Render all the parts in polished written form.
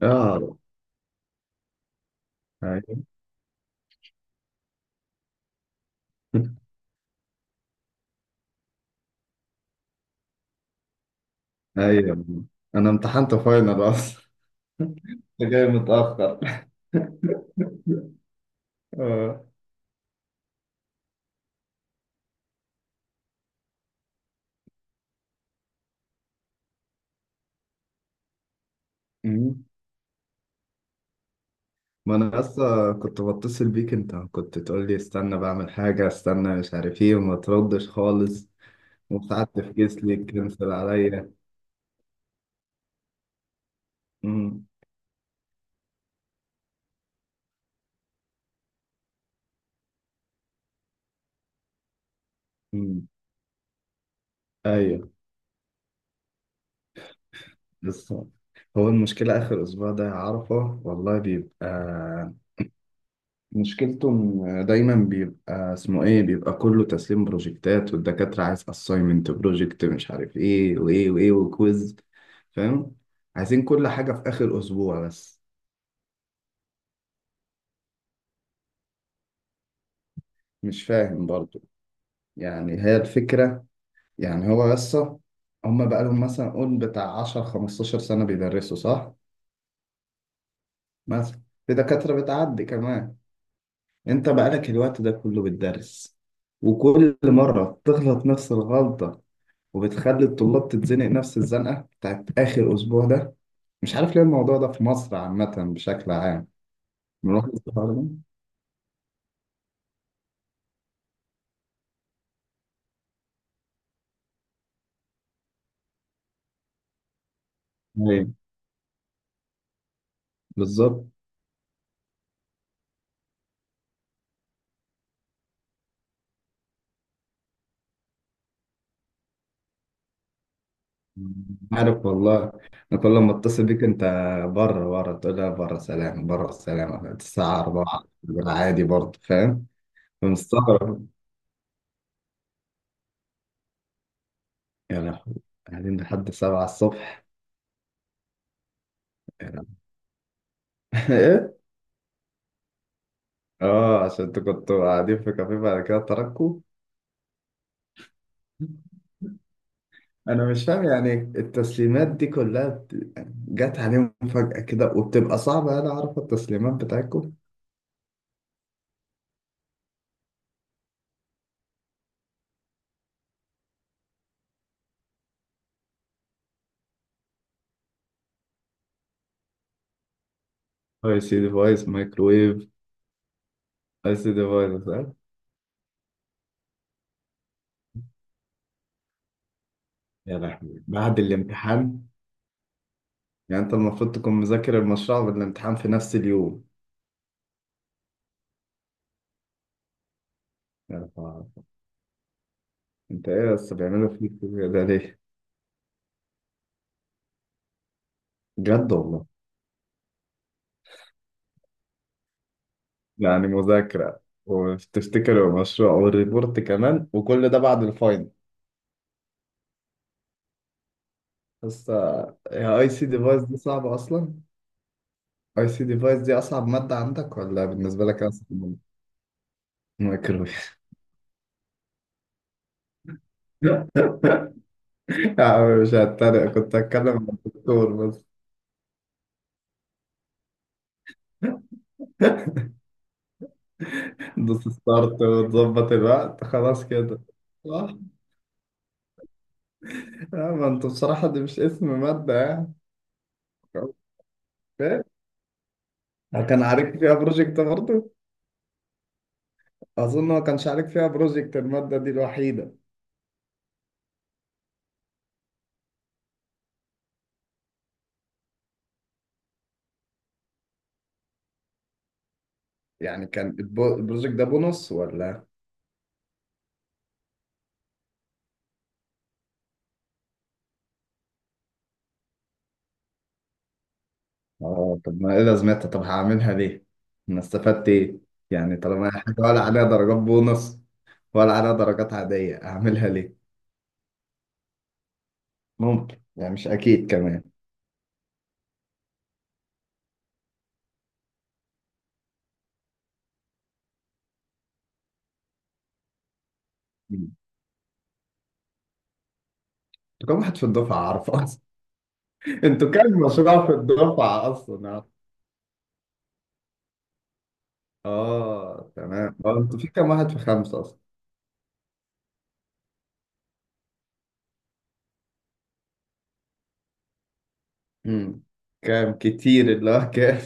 اه ايوه ايوه، انا امتحنت فاينل اصلا. انت جاي متاخر. اه. أمم. ما انا اصلا كنت بتصل بيك، انت كنت تقول لي استنى بعمل حاجه استنى مش عارف ايه وما تردش خالص، وساعات تفكيس ليك كنسل عليا. أمم. أمم. ايوه. بس هو المشكله اخر اسبوع ده يا عرفه والله بيبقى، مشكلته إن دايما بيبقى اسمه ايه، بيبقى كله تسليم بروجكتات، والدكاترة عايز اساينمنت بروجكت مش عارف ايه وايه وايه وكويز. فاهم؟ عايزين كل حاجة في اخر اسبوع بس. مش فاهم برضو. يعني هي الفكرة، يعني هو بس، هما بقالهم مثلا قول بتاع 10 15 سنة بيدرسوا، صح؟ مثلا في دكاترة بتعدي كمان. انت بقالك الوقت ده كله بتدرس، وكل مرة تغلط نفس الغلطة، وبتخلي الطلاب تتزنق نفس الزنقة بتاعت آخر أسبوع ده. مش عارف ليه الموضوع ده في مصر عامة بشكل عام. ملاحظ الحوار ده؟ أيوه بالظبط. عارف والله. أنا كل ما أتصل بيك أنت، بره تقول لي بره سلام، بره سلام الساعة 4. عادي برضه فاهم. فمستغرب. يا لهوي، قاعدين لحد 7 الصبح؟ يا لهوي. إيه؟ آه عشان أنتوا كنتوا قاعدين في كافيه بعد كده تركوا. انا مش فاهم، يعني التسليمات دي كلها جت عليهم فجأة كده وبتبقى صعبة، انا اعرف التسليمات بتاعتكم. اي سي ديفايس، مايكرويف. اي سي ديفايس، فاهم. يا لهوي بعد الامتحان؟ يعني انت المفروض تكون مذاكر المشروع والامتحان في نفس اليوم. يا لهوي. انت ايه بس بيعملوا فيك كده ليه؟ بجد والله؟ يعني مذاكرة، وتفتكر المشروع والريبورت كمان وكل ده بعد الفاينل؟ بس يا اي سي ديفايس دي صعبة اصلا. اي سي ديفايس دي اصعب ماده عندك ولا بالنسبه لك اصعب ماده؟ مايكرويف؟ يا عم مش هتريق، كنت هتكلم مع الدكتور بس. دوس ستارت وتظبط الوقت خلاص كده. صح. ما انت بصراحه دي مش اسم ماده يعني. إيه؟ كان عليك فيها بروجكت برضه؟ اظن ما كانش عليك فيها بروجكت الماده دي الوحيده. يعني كان البروجكت ده بونص ولا؟ اه طب ما ايه لازمتها، طب هعملها ليه؟ انا استفدت ايه؟ يعني طالما هي حاجه ولا عليها درجات بونص ولا عليها درجات عاديه، اعملها ليه؟ ممكن، يعني مش اكيد كمان. مم. انتوا كام واحد في الدفعه عارفه اصلا؟ انتوا كام مشروع في الدفعه اصلا عارف؟ اه تمام، اه انتوا في كام واحد في خمسه اصلا؟ امم. كام كتير، اللي هو كام؟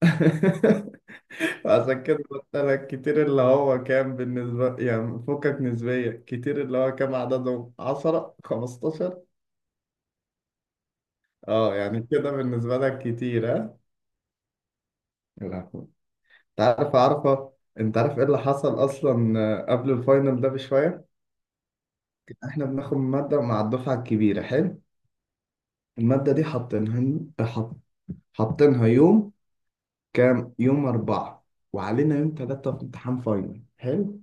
عشان كده قلت لك كتير اللي هو كام بالنسبة، يعني فكك نسبية، كتير اللي هو كام عددهم، 10 15؟ اه يعني كده بالنسبة لك كتير، ها؟ لا، انت عارف، عارفة. انت عارف ايه اللي حصل اصلا؟ قبل الفاينل ده بشوية، احنا بناخد مادة مع الدفعة الكبيرة، حلو. المادة دي حاطينها، حط... حاطينها يوم كام، يوم أربعة. وعلينا يوم تلاتة في امتحان فاينل، حلو.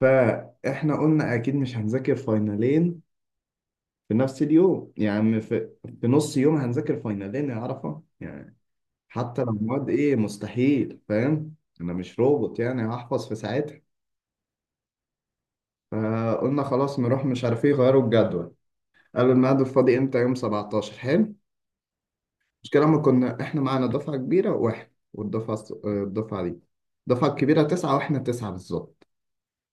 فاحنا قلنا اكيد مش هنذاكر فاينلين في نفس اليوم، في نص يوم هنذاكر فاينلين يا عرفة يعني. حتى لو مواد ايه مستحيل، فاهم. انا مش روبوت يعني هحفظ في ساعتها. فقلنا خلاص نروح مش عارف ايه، غيروا الجدول. قالوا الميعاد الفاضي امتى، يوم 17، حلو. المشكلة ما كنا احنا معانا دفعة كبيرة واحد، والدفعة الص- آه، الدفعة دي، الدفعة الكبيرة تسعة واحنا تسعة بالظبط.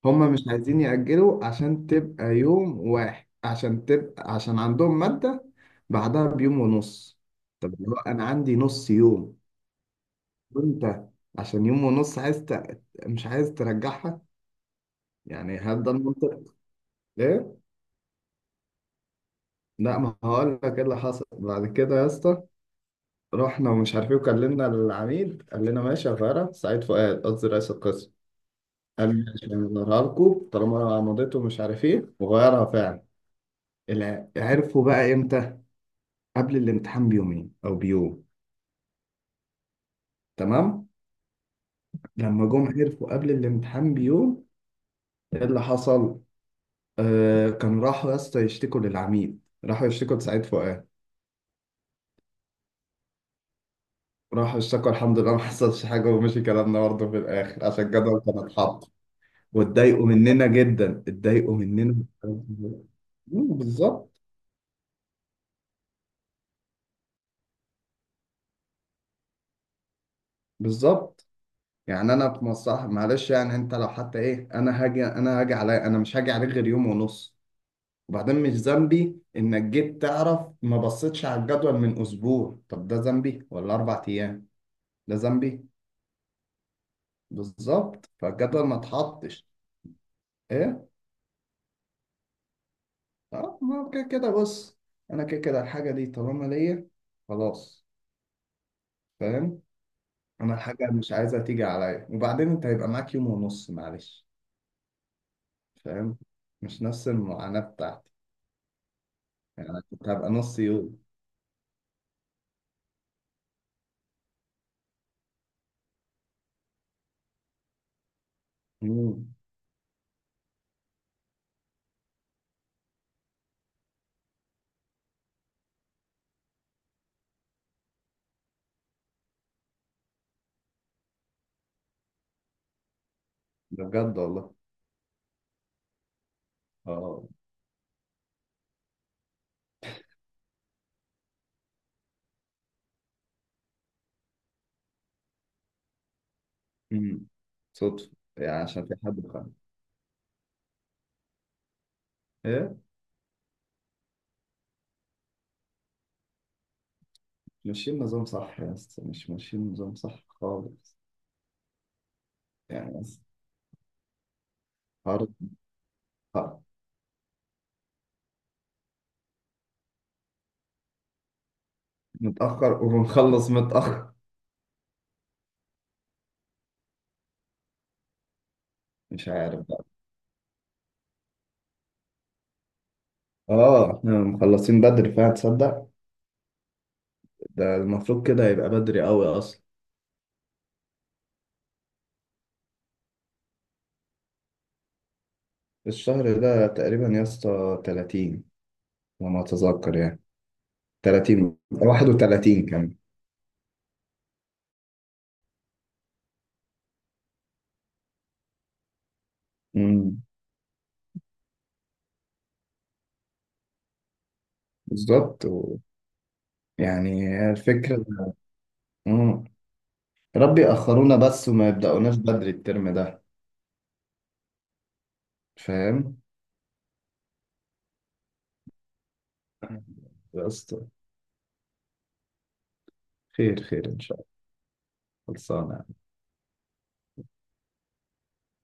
هما مش عايزين يأجلوا عشان تبقى يوم واحد، عشان تبقى، عشان عندهم مادة بعدها بيوم ونص. طب اللي هو انا عندي نص يوم وانت عشان يوم ونص مش عايز ترجعها؟ يعني هبدأ المنطق. ليه؟ لا ما هقول لك ايه اللي حصل بعد كده يا اسطى. رحنا ومش عارف ايه وكلمنا العميد، قال لنا ماشي يا غيرة، سعيد فؤاد قصدي رئيس القسم. قال لي ماشي هنغيرها لكم طالما مضيته ومش عارف ايه، وغيرها فعلا. عرفوا بقى امتى؟ قبل الامتحان بيومين او بيوم. تمام؟ لما جم عرفوا قبل الامتحان بيوم. ايه اللي حصل؟ آه كان راحوا يا اسطى يشتكوا للعميد، راحوا يشتكوا لسعيد فؤاد. راحوا اشتكوا، الحمد لله ما حصلش حاجة ومشي كلامنا برضه في الآخر عشان الجدول كان اتحط. واتضايقوا مننا جدا، اتضايقوا مننا. مم، بالظبط. بالظبط. يعني انا في مصلحة، معلش يعني انت لو حتى ايه، انا هاجي، انا هاجي عليا، انا مش هاجي عليك غير يوم ونص. وبعدين مش ذنبي انك جيت تعرف ما بصيتش على الجدول من اسبوع، طب ده ذنبي؟ ولا اربع ايام، ده ذنبي؟ بالظبط، فالجدول ما اتحطش. ايه؟ اه ما هو كده كده، بص انا كده كده الحاجه دي طالما ليا خلاص، فاهم. انا الحاجه مش عايزها تيجي عليا، وبعدين انت هيبقى معاك يوم ونص، معلش. فاهم؟ مش نفس المعاناه بتاعتي. يعني انا كنت هبقى نص يوم. مم. ده بجد والله. اه. مم. صدفه. يعني عشان في حد خان. ايه؟ ماشيين نظام صح يا اسطى؟ مش ماشيين نظام صح خالص. يعني بس، هارد. متاخر وبنخلص متاخر. مش عارف. اه احنا مخلصين بدري فعلا تصدق؟ ده المفروض كده يبقى بدري قوي اصلا. الشهر ده تقريبا يا اسطى 30، لما اتذكر يعني. 30 31 كمان. امم. بالظبط يعني هي الفكرة. امم. ربي يأخرونا بس وما يبدأوناش بدري الترم ده. فاهم. يا اسطى. خير، خير ان شاء الله. خلصانة.